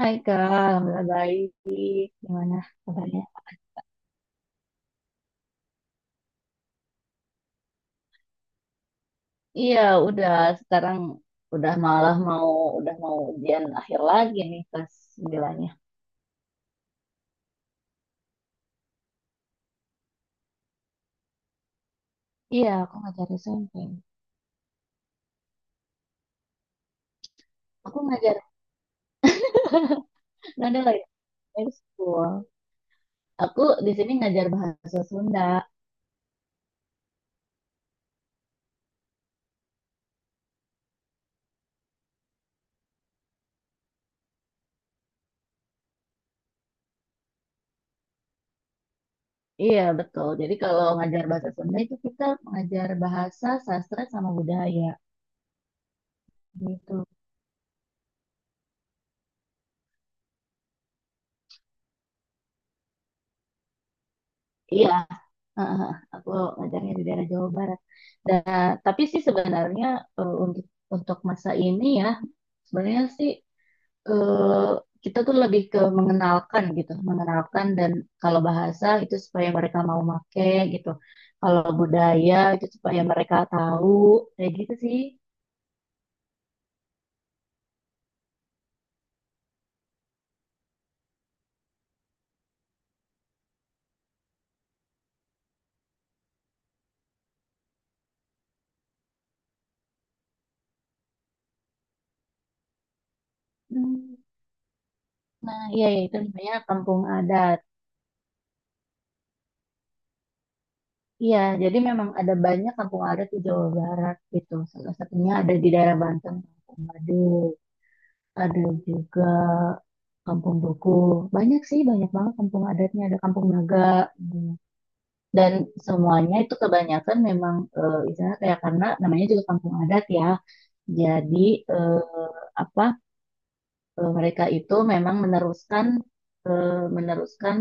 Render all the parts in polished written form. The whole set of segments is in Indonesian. Hai Kak, Alhamdulillah baik. Gimana kabarnya? Iya, udah sekarang udah malah mau udah mau ujian akhir lagi nih kelas 9. Iya, aku ngajar SMP. Aku ngajar nggak ada lagi High school. Aku di sini ngajar bahasa Sunda. Iya, betul. Jadi kalau ngajar bahasa Sunda itu kita mengajar bahasa, sastra sama budaya gitu. Iya, ah. aku ngajarnya di daerah Jawa Barat. Dan tapi sih sebenarnya untuk masa ini ya, sebenarnya sih eh, kita tuh lebih ke mengenalkan gitu, mengenalkan, dan kalau bahasa itu supaya mereka mau make gitu. Kalau budaya itu supaya mereka tahu kayak gitu sih. Hmm. Nah, iya, iya, itu namanya kampung adat. Iya, jadi memang ada banyak kampung adat di Jawa Barat gitu. Salah satunya ada di daerah Banten. Waduh, ada juga kampung buku. Banyak sih, banyak banget kampung adatnya. Ada kampung naga. Hmm. Dan semuanya itu kebanyakan memang, istilahnya kayak karena namanya juga kampung adat ya. Jadi eh, apa mereka itu memang meneruskan eh, meneruskan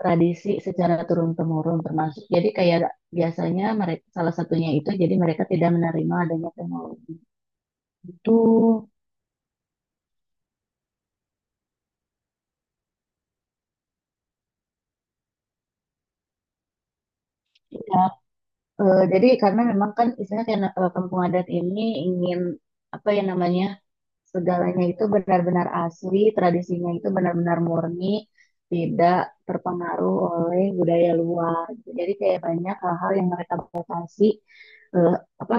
tradisi secara turun temurun termasuk. Jadi kayak biasanya mereka salah satunya itu jadi mereka tidak menerima adanya teknologi itu. Ya, jadi karena memang kan istilahnya kayak, kampung adat ini ingin, apa ya namanya, segalanya itu benar-benar asli, tradisinya itu benar-benar murni, tidak terpengaruh oleh budaya luar. Jadi kayak banyak hal-hal yang mereka batasi, eh, apa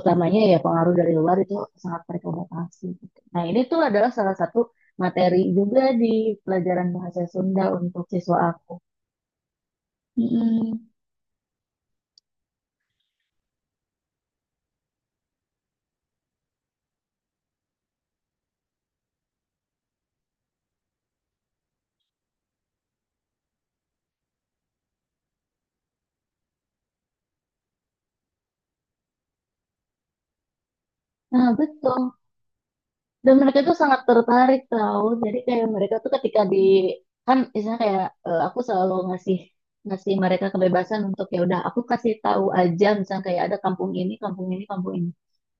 utamanya ya pengaruh dari luar itu sangat mereka batasi gitu. Nah, ini tuh adalah salah satu materi juga di pelajaran bahasa Sunda untuk siswa aku. Mm-mm. Nah betul. Dan mereka tuh sangat tertarik tau, jadi kayak mereka tuh ketika di, kan misalnya kayak aku selalu ngasih ngasih mereka kebebasan untuk, ya udah aku kasih tahu aja, misalnya kayak ada kampung ini, kampung ini, kampung ini,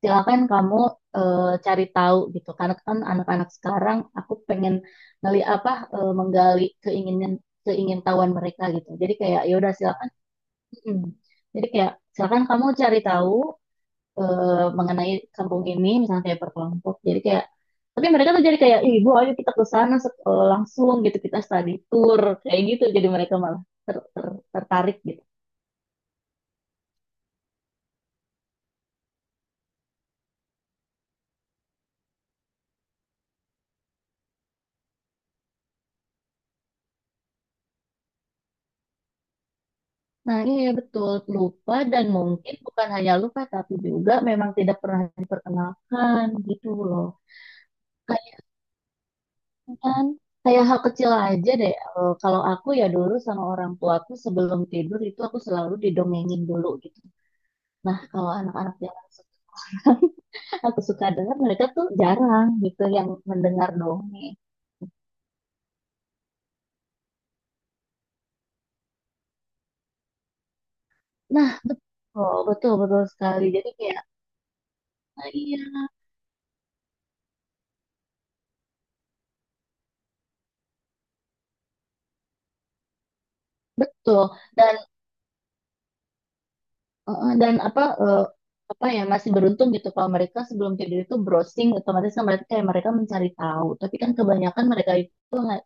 silakan kamu eh, cari tahu gitu, karena kan anak-anak sekarang aku pengen ngeli apa menggali keingintahuan mereka gitu, jadi kayak ya udah silakan. Mm. Jadi kayak silakan kamu cari tahu mengenai kampung ini, misalnya kayak perkelompok, jadi kayak tapi mereka tuh jadi kayak, ibu ayo kita ke sana langsung gitu, kita study tour kayak gitu, jadi mereka malah tertarik gitu. Nah iya, iya, betul, lupa dan mungkin bukan hanya lupa tapi juga memang tidak pernah diperkenalkan gitu loh. Kayaknya kan kayak hal kecil aja deh. Kalau aku ya dulu sama orang tuaku sebelum tidur itu aku selalu didongengin dulu gitu. Nah kalau anak-anak zaman sekarang, aku suka dengar mereka tuh jarang gitu yang mendengar dongeng. Nah, betul, betul, betul sekali. Jadi kayak, ah, iya, betul. Dan eh, dan apa eh, apa ya masih beruntung gitu kalau mereka sebelum tidur itu browsing, otomatis kan mereka kayak mereka mencari tahu. Tapi kan kebanyakan mereka itu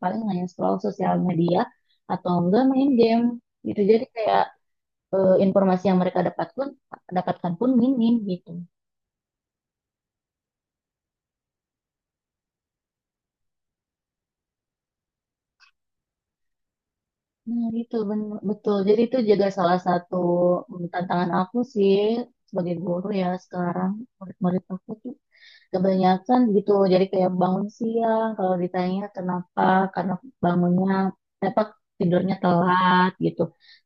paling hanya scroll sosial media atau enggak main game gitu. Jadi kayak informasi yang mereka dapatkan pun minim gitu. Nah, itu bener, betul. Jadi itu juga salah satu tantangan aku sih sebagai guru ya sekarang, murid-murid aku tuh kebanyakan gitu. Jadi kayak bangun siang, kalau ditanya kenapa, karena bangunnya, apa tidurnya telat gitu.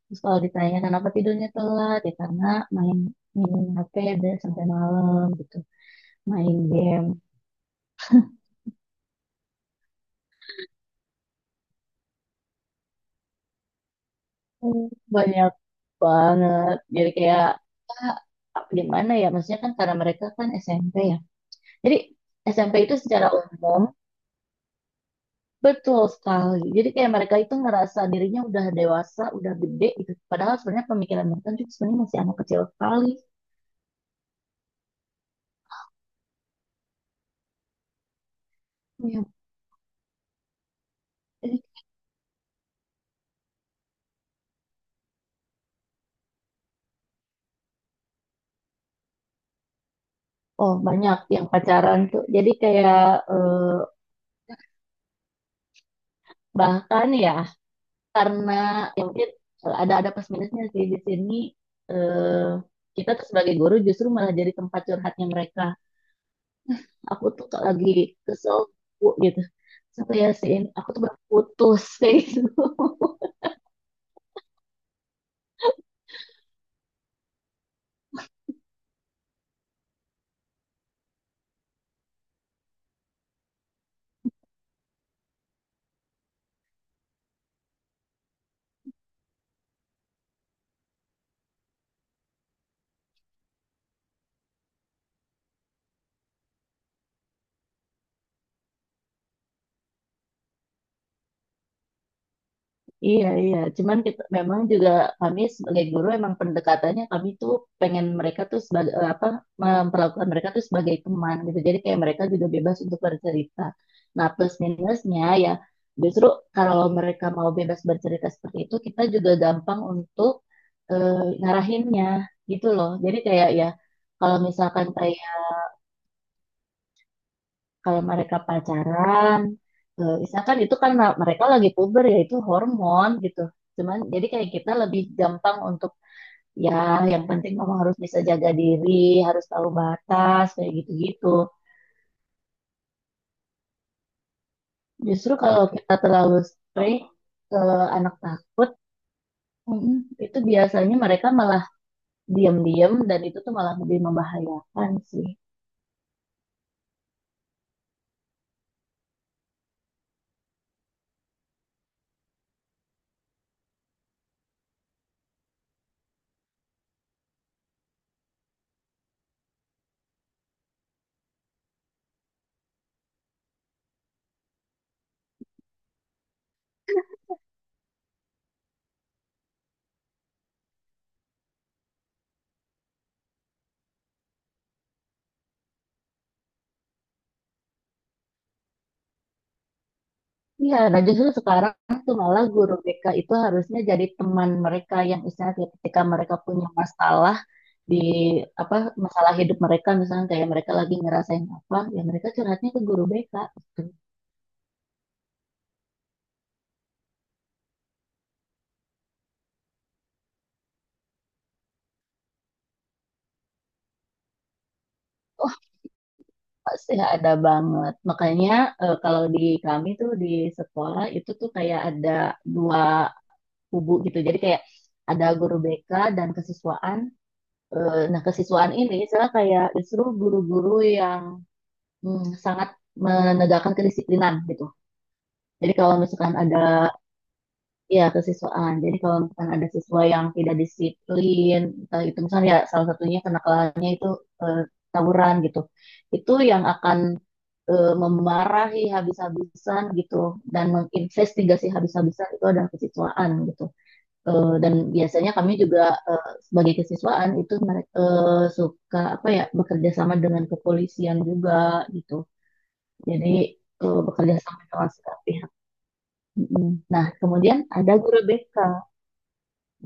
Terus kalau ditanya kenapa tidurnya telat, ya karena main main HP deh sampai malam gitu, main game. Hmm, banyak banget. Jadi kayak gimana ya? Maksudnya kan karena mereka kan SMP. Jadi SMP itu secara umum betul sekali. Jadi kayak mereka itu ngerasa dirinya udah dewasa, udah gede gitu. Padahal sebenarnya pemikiran mereka tuh sebenarnya masih anak kecil sekali. Ya, eh, oh banyak yang pacaran tuh. Jadi kayak eh, bahkan ya, karena ya mungkin ada plus minusnya sih di sini. eh, Kita tuh sebagai guru justru malah jadi tempat curhatnya mereka. Aku tuh lagi kesel Bu, gitu. Sampai ya sih, aku tuh baru putus kayak gitu. Iya, iya. Cuman kita memang juga, kami sebagai guru emang pendekatannya kami tuh pengen mereka tuh sebagai, eh, apa memperlakukan mereka tuh sebagai teman gitu. Jadi kayak mereka juga bebas untuk bercerita. Nah, plus minusnya ya justru kalau mereka mau bebas bercerita seperti itu, kita juga gampang untuk eh, ngarahinnya gitu loh. Jadi kayak ya kalau misalkan kayak, kalau mereka pacaran, misalkan itu kan mereka lagi puber ya, itu hormon gitu, cuman jadi kayak kita lebih gampang untuk, ya yang penting kamu harus bisa jaga diri, harus tahu batas, kayak gitu-gitu. Justru kalau kita terlalu strict ke anak, takut mm, itu biasanya mereka malah diam-diam, dan itu tuh malah lebih membahayakan sih. Iya, nah justru sekarang tuh malah guru BK itu harusnya jadi teman mereka, yang istilahnya ketika mereka punya masalah di, apa masalah hidup mereka, misalnya kayak mereka lagi ngerasain apa ya, mereka curhatnya ke guru BK gitu. Wah, pasti ada banget, makanya kalau di kami tuh di sekolah itu tuh kayak ada dua kubu gitu, jadi kayak ada guru BK dan kesiswaan. Nah, kesiswaan ini misalnya kayak justru guru-guru yang sangat menegakkan kedisiplinan gitu, jadi kalau misalkan ada, iya, kesiswaan. Jadi kalau misalkan ada siswa yang tidak disiplin, itu misalnya ya salah satunya kenakalannya itu eh, tawuran gitu. Itu yang akan memarahi habis-habisan gitu, dan menginvestigasi habis-habisan itu adalah kesiswaan gitu. Dan biasanya kami juga sebagai kesiswaan itu, suka apa ya, bekerja sama dengan kepolisian juga gitu. Jadi bekerja sama dengan segala pihak. Mm-mm. Nah, kemudian ada guru BK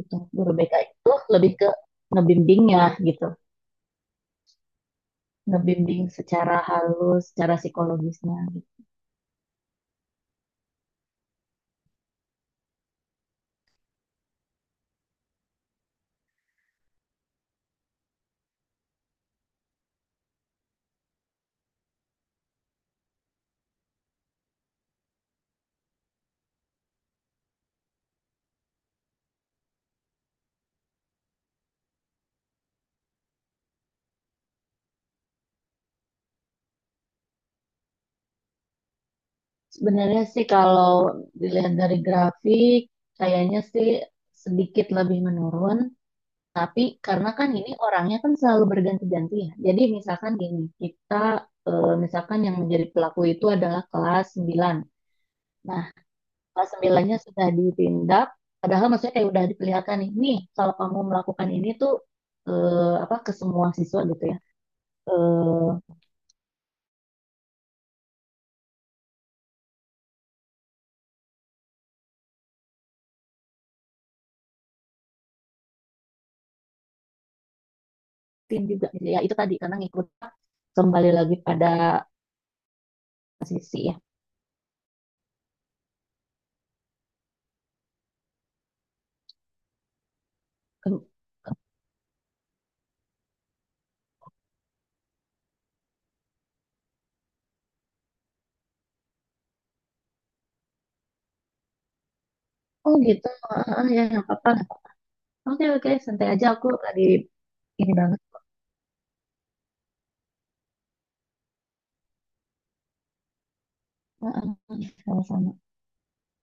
gitu. Guru BK itu lebih ke ngebimbingnya gitu, ngebimbing secara halus, secara psikologisnya. Gitu. Sebenarnya sih kalau dilihat dari grafik, kayaknya sih sedikit lebih menurun, tapi karena kan ini orangnya kan selalu berganti-ganti ya. Jadi misalkan gini, kita misalkan yang menjadi pelaku itu adalah kelas 9. Nah, kelas sembilannya sudah ditindak, padahal maksudnya kayak udah diperlihatkan nih nih kalau kamu melakukan ini tuh, eh, apa ke semua siswa gitu ya, eh tim juga gitu ya, itu tadi karena ngikut, kembali lagi pada sisi ya. Kem- oh gitu. Ya, nggak apa-apa. Oke, oke, santai aja. Aku tadi ini banget. Ah, ah, ah, sama-sama.